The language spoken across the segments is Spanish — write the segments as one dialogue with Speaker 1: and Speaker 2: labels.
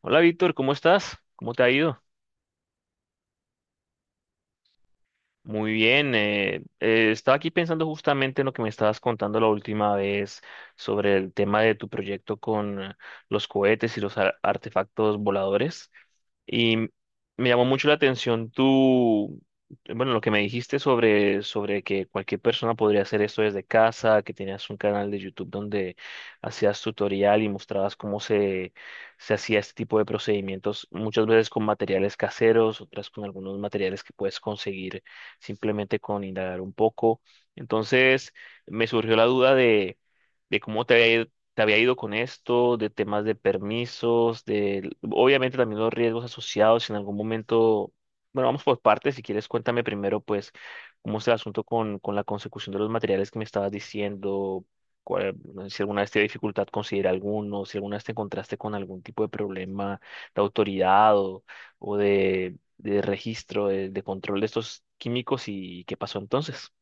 Speaker 1: Hola Víctor, ¿cómo estás? ¿Cómo te ha ido? Muy bien, estaba aquí pensando justamente en lo que me estabas contando la última vez sobre el tema de tu proyecto con los cohetes y los artefactos voladores y me llamó mucho la atención tu, bueno, lo que me dijiste sobre que cualquier persona podría hacer esto desde casa, que tenías un canal de YouTube donde hacías tutorial y mostrabas cómo se hacía este tipo de procedimientos, muchas veces con materiales caseros, otras con algunos materiales que puedes conseguir simplemente con indagar un poco. Entonces, me surgió la duda de cómo te había ido con esto, de temas de permisos, de obviamente también los riesgos asociados si en algún momento. Bueno, vamos por partes. Si quieres, cuéntame primero, pues, cómo es el asunto con la consecución de los materiales que me estabas diciendo, cuál- si alguna vez te dio dificultad conseguir alguno, si alguna vez te encontraste con algún tipo de problema de autoridad o de registro, control de estos químicos y qué pasó entonces.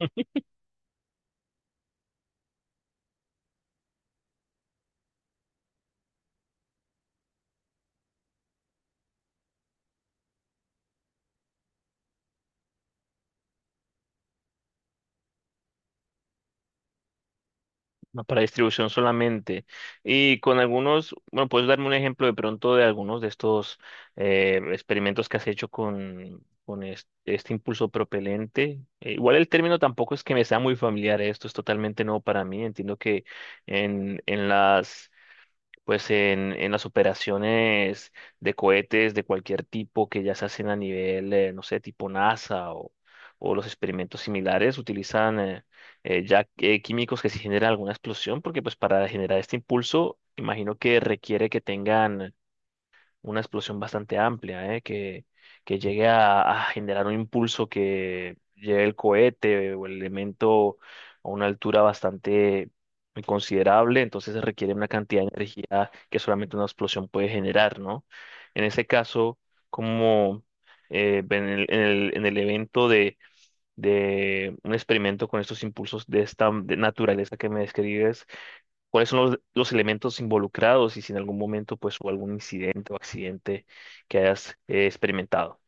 Speaker 1: No, para distribución solamente. Y con algunos, bueno, puedes darme un ejemplo de pronto de algunos de estos experimentos que has hecho con este, impulso propelente. Igual el término tampoco es que me sea muy familiar, esto es totalmente nuevo para mí. Entiendo que en las pues en las operaciones de cohetes de cualquier tipo que ya se hacen a nivel, no sé, tipo NASA o los experimentos similares, utilizan ya químicos que si generan alguna explosión, porque pues para generar este impulso, imagino que requiere que tengan una explosión bastante amplia, ¿eh? Que llegue a generar un impulso que lleve el cohete o el elemento a una altura bastante considerable, entonces se requiere una cantidad de energía que solamente una explosión puede generar, ¿no? En ese caso, como en el, en el evento de un experimento con estos impulsos de esta de naturaleza que me describes, cuáles son los elementos involucrados y si en algún momento pues hubo algún incidente o accidente que hayas experimentado.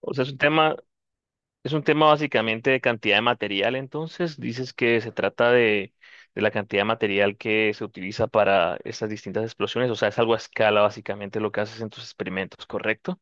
Speaker 1: O sea, es un tema básicamente de cantidad de material, entonces dices que se trata de la cantidad de material que se utiliza para estas distintas explosiones, o sea, es algo a escala básicamente lo que haces en tus experimentos, ¿correcto?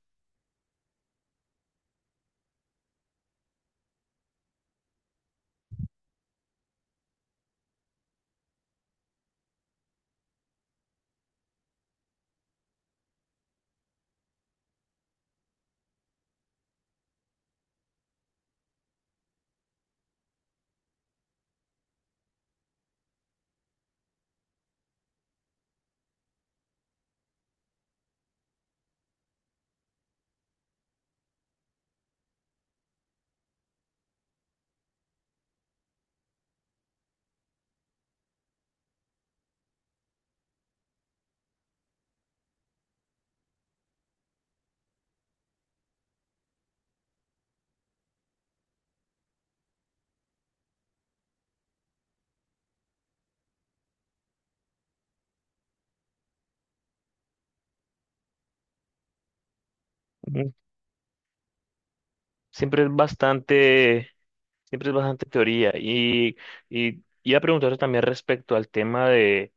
Speaker 1: Ujú. Siempre es bastante Siempre es bastante teoría. Y iba a preguntarte también respecto al tema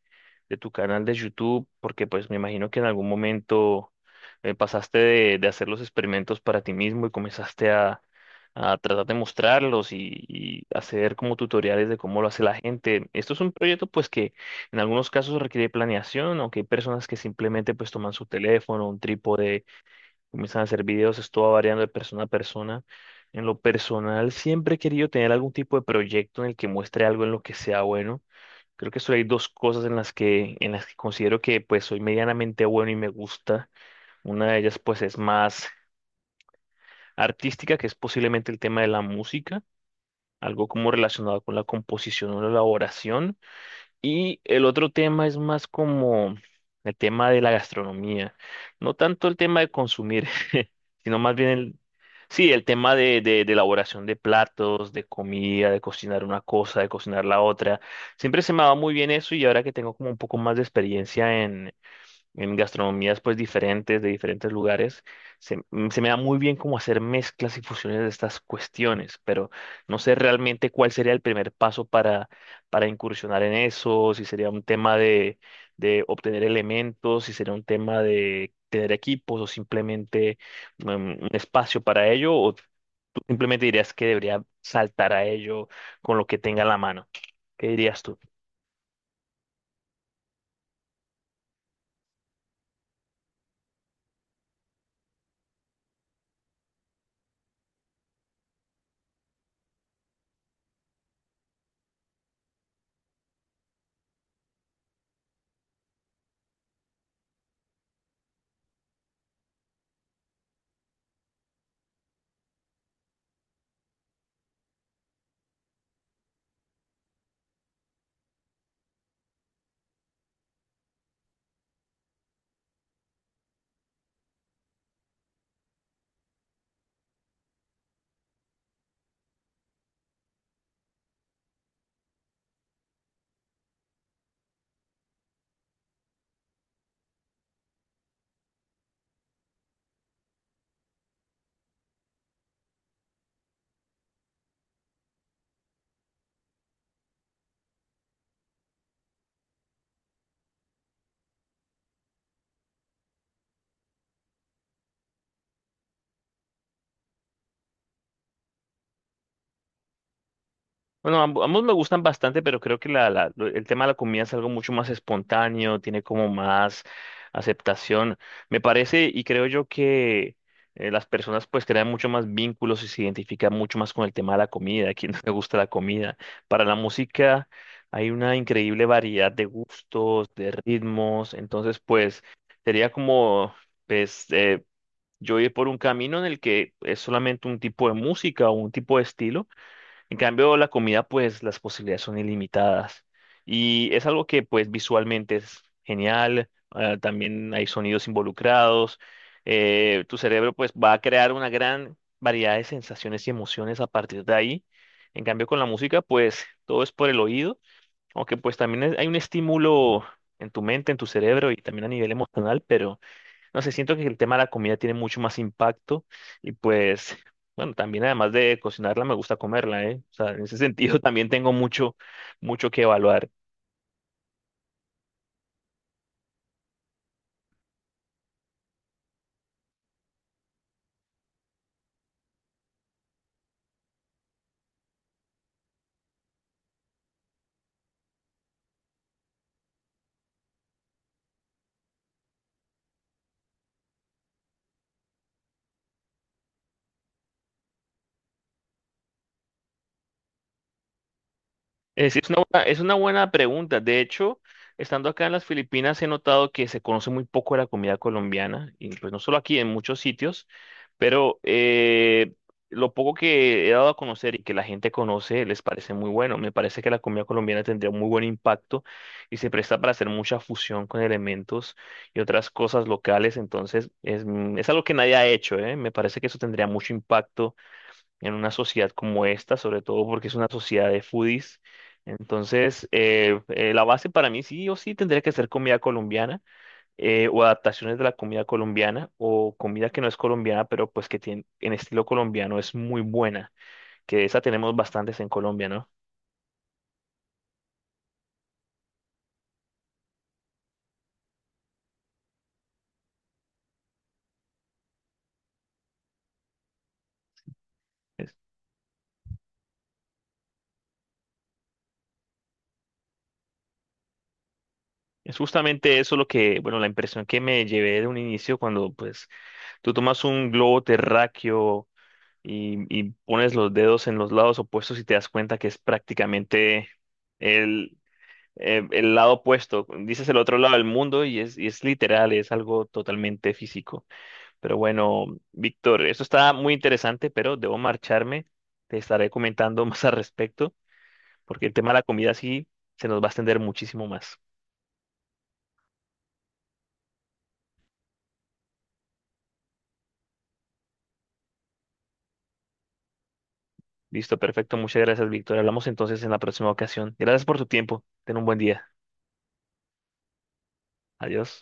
Speaker 1: de tu canal de YouTube, porque pues me imagino que en algún momento pasaste de hacer los experimentos para ti mismo y comenzaste a tratar de mostrarlos y hacer como tutoriales de cómo lo hace la gente. Esto es un proyecto pues que en algunos casos requiere planeación, aunque hay personas que simplemente pues toman su teléfono, un trípode, comienzan a hacer videos, esto va variando de persona a persona. En lo personal, siempre he querido tener algún tipo de proyecto en el que muestre algo en lo que sea bueno. Creo que solo hay dos cosas en las en las que considero que pues soy medianamente bueno y me gusta. Una de ellas pues es más artística, que es posiblemente el tema de la música, algo como relacionado con la composición o la elaboración. Y el otro tema es más como el tema de la gastronomía. No tanto el tema de consumir, sino más bien el, sí, el tema de elaboración de platos, de comida, de cocinar una cosa, de cocinar la otra. Siempre se me ha dado muy bien eso y ahora que tengo como un poco más de experiencia en gastronomías pues diferentes, de diferentes lugares, se me da muy bien como hacer mezclas y fusiones de estas cuestiones, pero no sé realmente cuál sería el primer paso para incursionar en eso, si sería un tema de obtener elementos, si sería un tema de tener equipos o simplemente un espacio para ello, o tú simplemente dirías que debería saltar a ello con lo que tenga en la mano. ¿Qué dirías tú? Bueno, ambos me gustan bastante, pero creo que la, el tema de la comida es algo mucho más espontáneo, tiene como más aceptación. Me parece y creo yo que las personas pues crean mucho más vínculos y se identifican mucho más con el tema de la comida, a quien no le gusta la comida. Para la música hay una increíble variedad de gustos, de ritmos, entonces pues sería como pues yo ir por un camino en el que es solamente un tipo de música o un tipo de estilo. En cambio, la comida, pues las posibilidades son ilimitadas. Y es algo que, pues, visualmente es genial. Ah, también hay sonidos involucrados. Tu cerebro, pues, va a crear una gran variedad de sensaciones y emociones a partir de ahí. En cambio, con la música, pues, todo es por el oído. Aunque, pues, también hay un estímulo en tu mente, en tu cerebro y también a nivel emocional, pero no sé, siento que el tema de la comida tiene mucho más impacto y pues, bueno, también además de cocinarla me gusta comerla, ¿eh? O sea, en ese sentido también tengo mucho, mucho que evaluar. Es una buena pregunta. De hecho, estando acá en las Filipinas he notado que se conoce muy poco de la comida colombiana, y pues no solo aquí, en muchos sitios, pero lo poco que he dado a conocer y que la gente conoce les parece muy bueno. Me parece que la comida colombiana tendría un muy buen impacto y se presta para hacer mucha fusión con elementos y otras cosas locales, entonces es, es algo que nadie ha hecho, ¿eh? Me parece que eso tendría mucho impacto en una sociedad como esta, sobre todo porque es una sociedad de foodies. Entonces, la base para mí sí o sí tendría que ser comida colombiana, o adaptaciones de la comida colombiana o comida que no es colombiana, pero pues que tiene, en estilo colombiano es muy buena, que de esa tenemos bastantes en Colombia, ¿no? Es, es justamente eso lo que, bueno, la impresión que me llevé de un inicio cuando pues tú tomas un globo terráqueo y pones los dedos en los lados opuestos y te das cuenta que es prácticamente el, el lado opuesto. Dices el otro lado del mundo y es literal, es algo totalmente físico. Pero bueno, Víctor, esto está muy interesante, pero debo marcharme. Te estaré comentando más al respecto, porque el tema de la comida sí se nos va a extender muchísimo más. Listo, perfecto. Muchas gracias, Víctor. Hablamos entonces en la próxima ocasión. Gracias por tu tiempo. Ten un buen día. Adiós.